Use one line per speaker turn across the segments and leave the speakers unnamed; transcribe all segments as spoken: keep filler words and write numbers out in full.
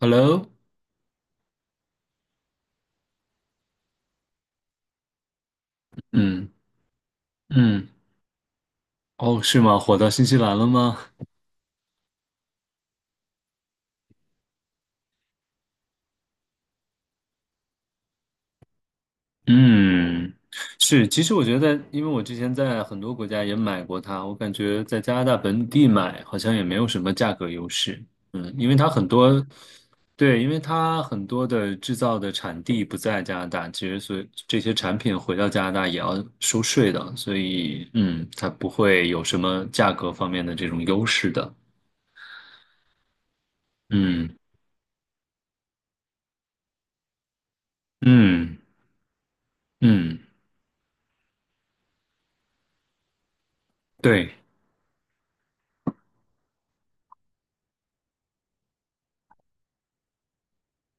Hello,嗯嗯，哦，是吗？火到新西兰了吗？嗯，是。其实我觉得在，因为我之前在很多国家也买过它，我感觉在加拿大本地买好像也没有什么价格优势。嗯，因为它很多，对，因为它很多的制造的产地不在加拿大，其实所以这些产品回到加拿大也要收税的，所以嗯，它不会有什么价格方面的这种优势的。嗯嗯嗯，对。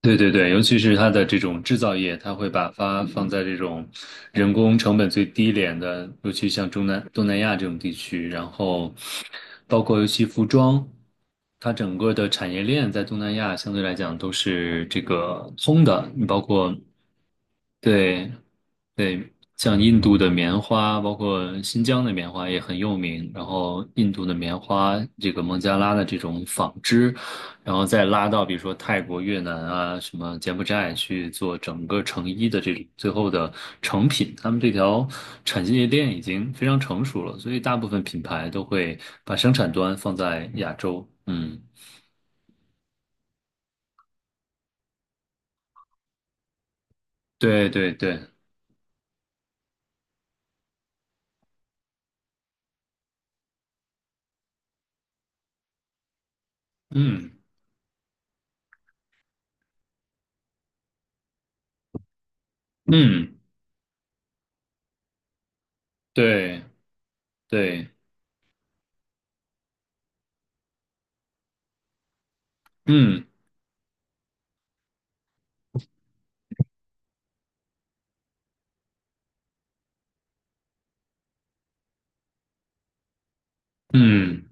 对对对，尤其是它的这种制造业，它会把发放在这种人工成本最低廉的，尤其像中南东南亚这种地区，然后包括尤其服装，它整个的产业链在东南亚相对来讲都是这个通的，你包括对对，像印度的棉花，包括新疆的棉花也很有名。然后印度的棉花，这个孟加拉的这种纺织，然后再拉到比如说泰国、越南啊，什么柬埔寨去做整个成衣的这种最后的成品，他们这条产业链已经非常成熟了，所以大部分品牌都会把生产端放在亚洲。嗯，对对对，嗯嗯，对对，嗯嗯。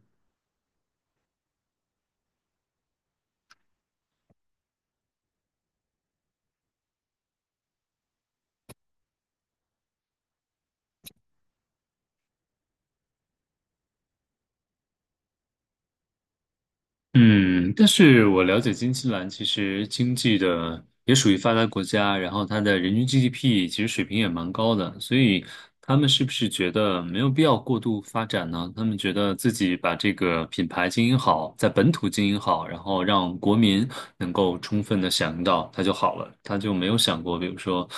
嗯，但是我了解新西兰其实经济的也属于发达国家，然后它的人均 G D P 其实水平也蛮高的，所以他们是不是觉得没有必要过度发展呢？他们觉得自己把这个品牌经营好，在本土经营好，然后让国民能够充分的享用到它就好了，他就没有想过，比如说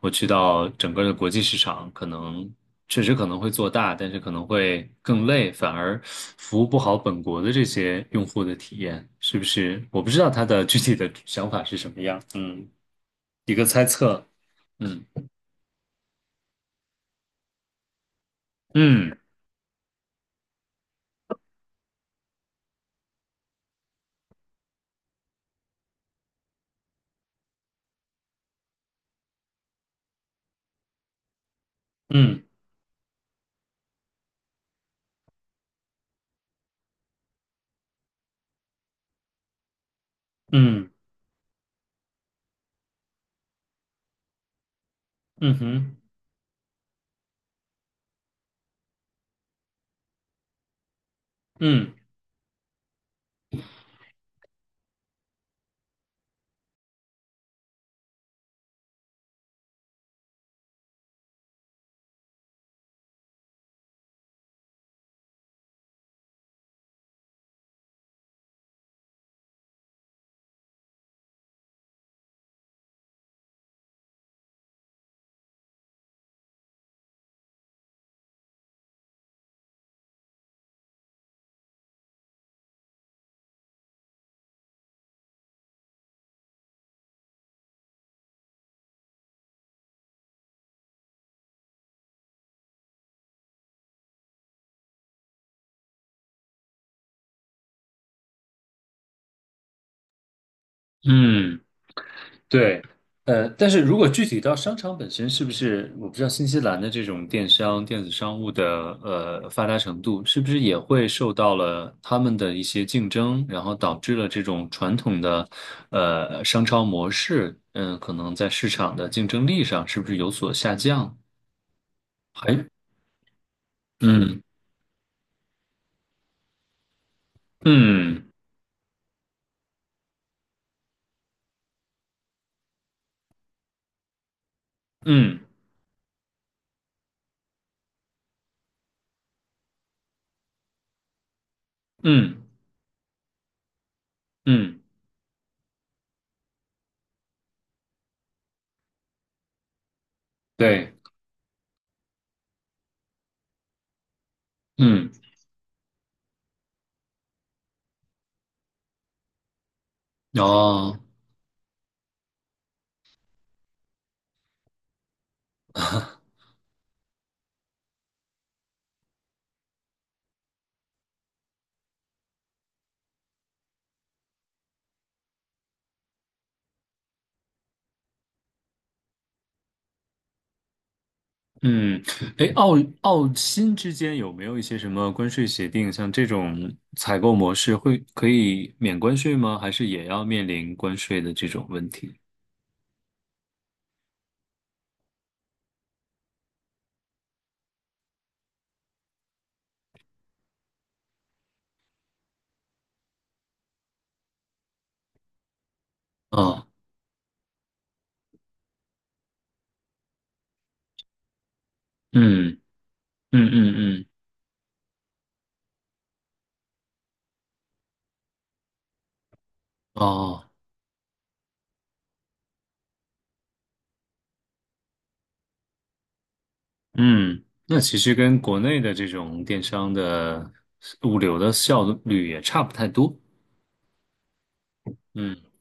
我去到整个的国际市场，可能。确实可能会做大，但是可能会更累，反而服务不好本国的这些用户的体验，是不是？我不知道他的具体的想法是什么样，嗯，一个猜测，嗯嗯嗯嗯嗯哼，嗯嗯。对，呃，但是如果具体到商场本身，是不是我不知道新西兰的这种电商、电子商务的呃发达程度，是不是也会受到了他们的一些竞争，然后导致了这种传统的呃商超模式，嗯、可能在市场的竞争力上是不是有所下降？还，嗯嗯嗯嗯嗯，对，嗯，哦。嗯，哎，澳澳新之间有没有一些什么关税协定？像这种采购模式会可以免关税吗？还是也要面临关税的这种问题？哦，嗯嗯嗯嗯，哦，嗯，那其实跟国内的这种电商的物流的效率也差不太多。嗯。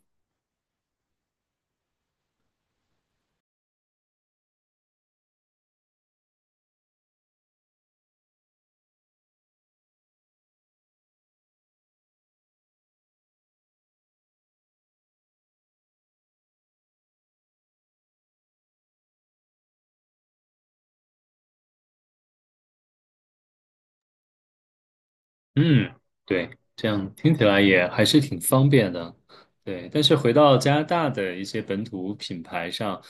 嗯，对，这样听起来也还是挺方便的，对。但是回到加拿大的一些本土品牌上，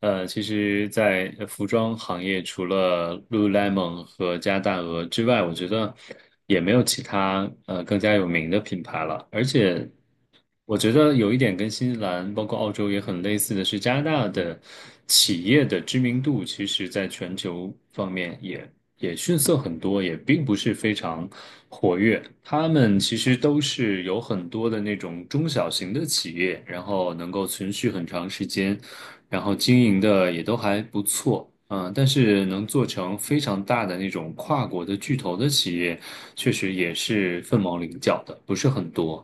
呃，其实，在呃服装行业，除了 Lululemon 和加拿大鹅之外，我觉得也没有其他呃更加有名的品牌了。而且我觉得有一点跟新西兰，包括澳洲也很类似的是，加拿大的企业的知名度，其实在全球方面也也逊色很多，也并不是非常活跃。他们其实都是有很多的那种中小型的企业，然后能够存续很长时间，然后经营的也都还不错。嗯，但是能做成非常大的那种跨国的巨头的企业，确实也是凤毛麟角的，不是很多。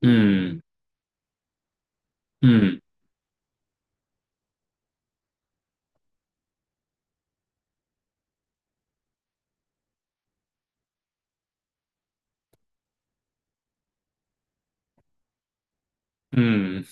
嗯。嗯嗯，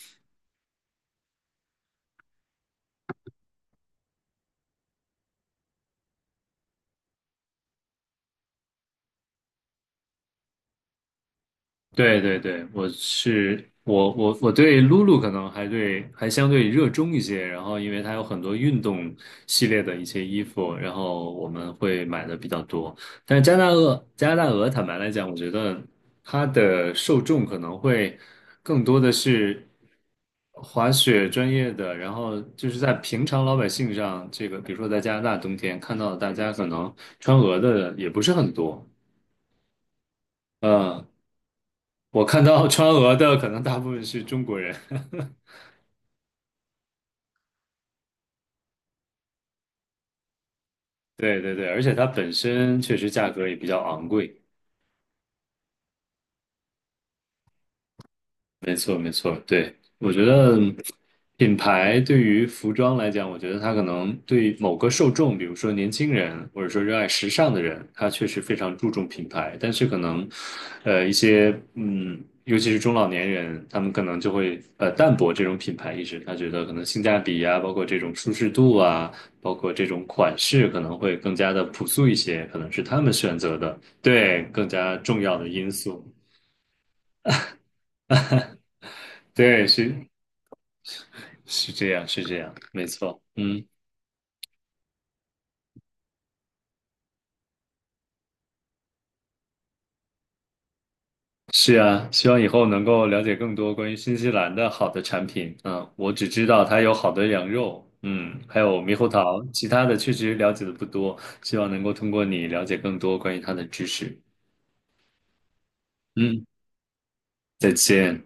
对对对，我是我我我对露露可能还对还相对热衷一些，然后因为它有很多运动系列的一些衣服，然后我们会买的比较多。但是加拿大鹅加拿大鹅，坦白来讲，我觉得它的受众可能会更多的是滑雪专业的，然后就是在平常老百姓上，这个比如说在加拿大冬天看到大家可能穿鹅的也不是很多，嗯。我看到川俄的可能大部分是中国人，对对对，而且它本身确实价格也比较昂贵。没错，没错，对，我觉得品牌对于服装来讲，我觉得它可能对某个受众，比如说年轻人，或者说热爱时尚的人，他确实非常注重品牌。但是可能，呃，一些嗯，尤其是中老年人，他们可能就会呃淡薄这种品牌意识，他觉得可能性价比啊，包括这种舒适度啊，包括这种款式，可能会更加的朴素一些，可能是他们选择的，对，更加重要的因素。对，是是这样，是这样，没错，嗯，是啊，希望以后能够了解更多关于新西兰的好的产品。嗯，我只知道它有好的羊肉，嗯，还有猕猴桃，其他的确实了解的不多，希望能够通过你了解更多关于它的知识。嗯，再见。